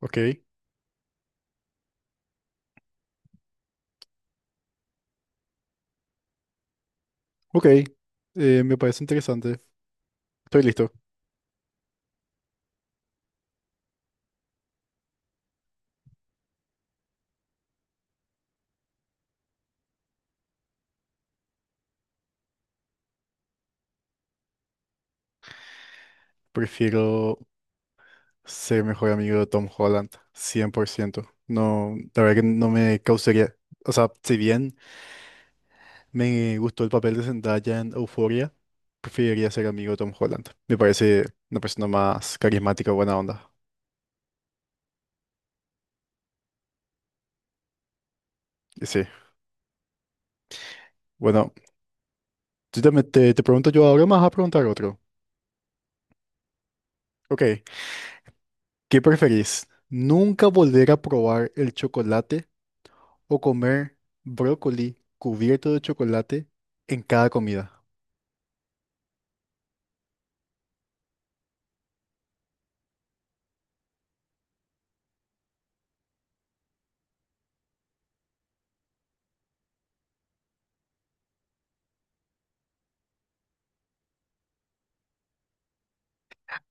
Ok, ok. Me parece interesante. Estoy listo. Prefiero ser mejor amigo de Tom Holland, 100%. No, la verdad que no me causaría... O sea, si bien me gustó el papel de Zendaya en Euphoria, preferiría ser amigo de Tom Holland. Me parece una persona más carismática, buena onda. Y sí. Bueno, yo también te pregunto yo ahora, me vas a preguntar otro. Ok, ¿qué preferís? ¿Nunca volver a probar el chocolate o comer brócoli cubierto de chocolate en cada comida?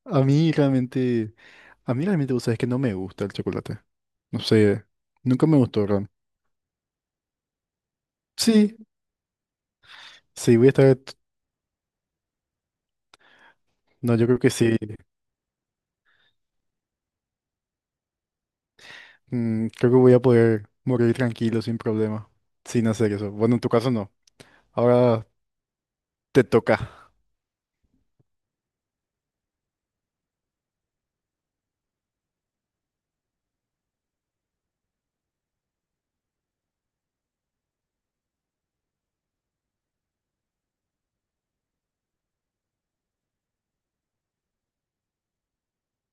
A mí realmente, a mí realmente, vos sabés que no me gusta el chocolate. No sé, nunca me gustó, realmente. Sí, sí, voy a estar, no, yo creo que sí. Mm, creo que voy a poder morir tranquilo sin problema, sin hacer eso. Bueno, en tu caso no. Ahora te toca.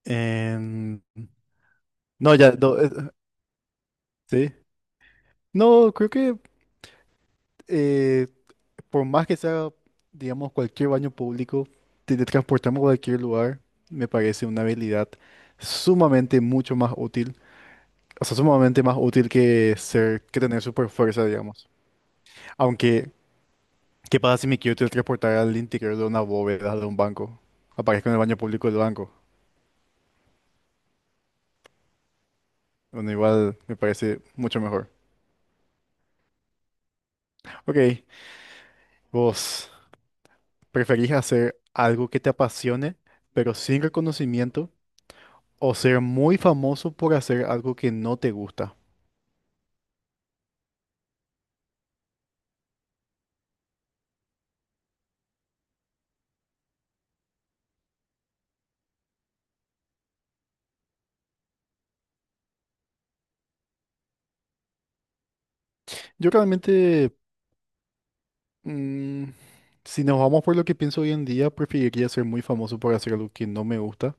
Em, no, ya, no, sí. No, creo que eh, por más que sea, digamos, cualquier baño público, teletransportarme a cualquier lugar, me parece una habilidad sumamente mucho más útil. O sea, sumamente más útil que ser, que tener super fuerza, digamos. Aunque, ¿qué pasa si me quiero teletransportar al interior de una bóveda de un banco? Aparezco en el baño público del banco. Bueno, igual me parece mucho mejor. Ok, ¿vos preferís hacer algo que te apasione, pero sin reconocimiento, o ser muy famoso por hacer algo que no te gusta? Yo realmente, mm, si nos vamos por lo que pienso hoy en día, preferiría ser muy famoso por hacer algo que no me gusta,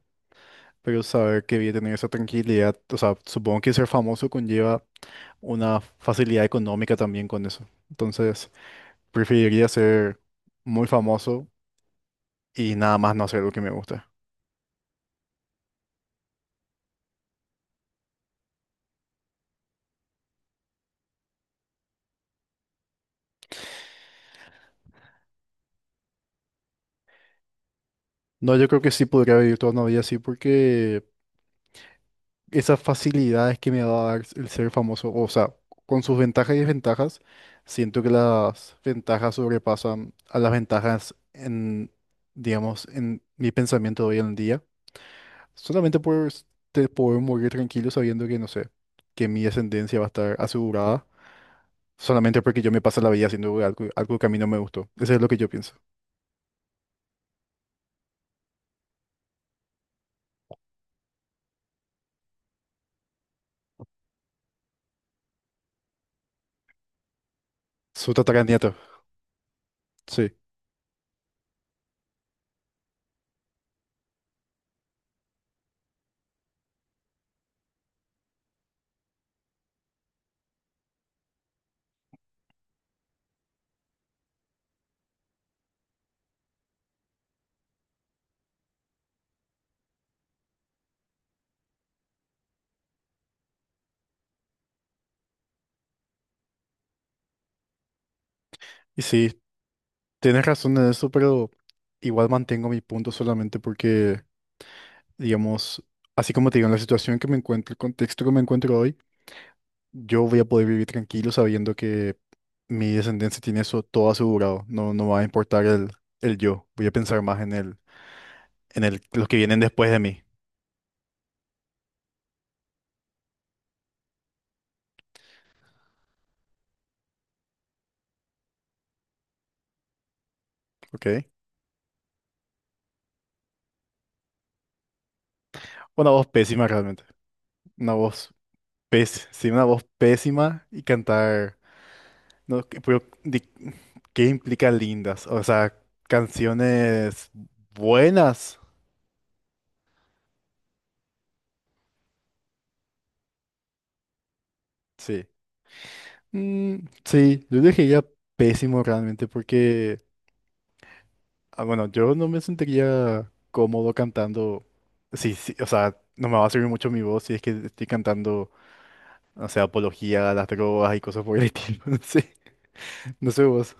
pero saber que voy a tener esa tranquilidad, o sea, supongo que ser famoso conlleva una facilidad económica también con eso. Entonces, preferiría ser muy famoso y nada más no hacer lo que me gusta. No, yo creo que sí podría vivir toda una vida así porque esas facilidades que me va a dar el ser famoso, o sea, con sus ventajas y desventajas, siento que las ventajas sobrepasan a las ventajas en, digamos, en mi pensamiento de hoy en día. Solamente por te poder morir tranquilo sabiendo que, no sé, que mi descendencia va a estar asegurada, solamente porque yo me paso la vida haciendo algo, algo que a mí no me gustó. Eso es lo que yo pienso. Su tataranieto, sí. Y sí, tienes razón en eso, pero igual mantengo mi punto solamente porque digamos, así como te digo, en la situación que me encuentro, el contexto que me encuentro hoy, yo voy a poder vivir tranquilo sabiendo que mi descendencia tiene eso todo asegurado. No, no va a importar el yo. Voy a pensar más en el, los que vienen después de mí, ¿ok? Una voz pésima realmente. Una voz pésima, sí, una voz pésima y cantar, no, pero, ¿qué implica lindas? O sea, canciones buenas, sí. Mm, sí, yo elegiría pésimo realmente porque, ah, bueno, yo no me sentiría cómodo cantando. Sí, sí, o sea, no me va a servir mucho mi voz si es que estoy cantando, o sea, apología a las drogas y cosas por el estilo. No sé, no sé vos.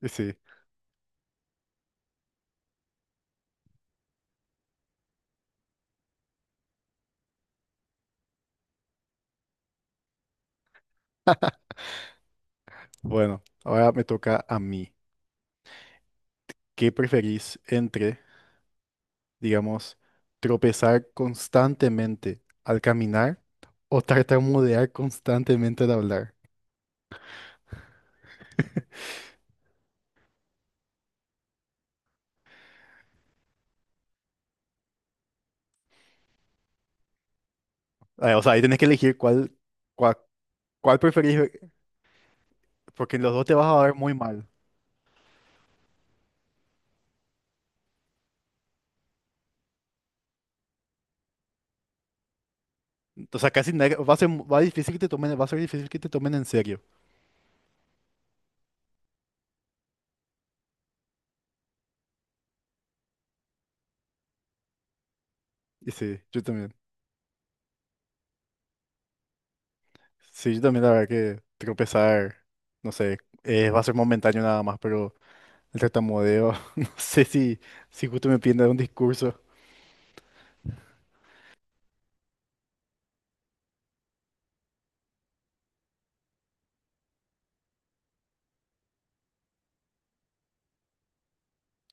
Y sí, bueno, ahora me toca a mí. ¿Qué preferís entre, digamos, tropezar constantemente al caminar o tartamudear constantemente al hablar? Ah, o sea, ahí tenés que elegir cuál. ¿Cuál preferís ver? Porque en los dos te vas a ver muy mal. O sea, casi nadie- va a ser, va a difícil que te tomen, va a ser difícil que te tomen en serio. Y sí, yo también. Sí, yo también la verdad que tropezar, no sé, va a ser momentáneo nada más, pero el tartamudeo, no sé si, si justo me piden dar un discurso.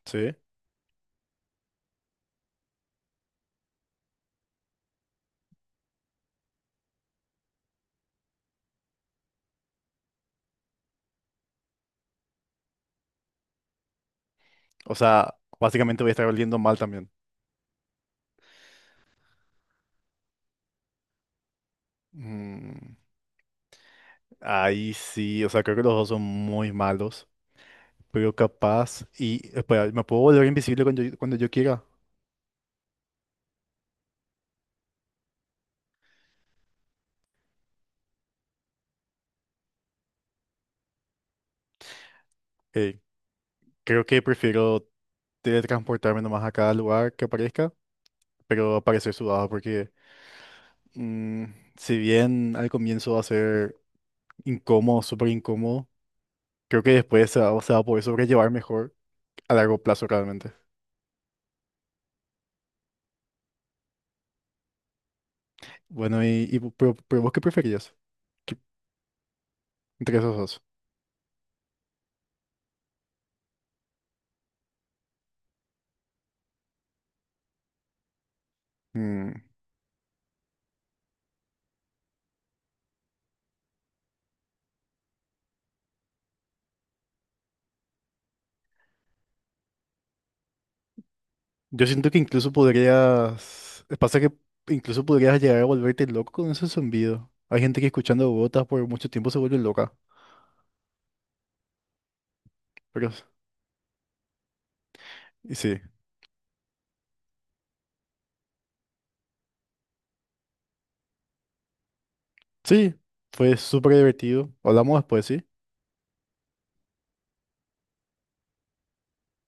Sí. O sea, básicamente voy a estar oliendo mal también. Mm, ahí sí, o sea, creo que los dos son muy malos, pero capaz. Y espera, ¿me puedo volver invisible cuando yo quiera? Eh, Creo que prefiero teletransportarme nomás a cada lugar que aparezca, pero aparecer sudado porque mm, si bien al comienzo va a ser incómodo, súper incómodo, creo que después se va a poder sobrellevar mejor a largo plazo realmente. Bueno, y, pero vos qué preferías. ¿Qué- ¿Entre esos dos? Mm, yo siento que incluso podrías, pasa que incluso podrías llegar a volverte loco con ese zumbido. Hay gente que escuchando gotas por mucho tiempo se vuelve loca, pero y sí, sí, fue súper divertido. Hablamos después, ¿sí?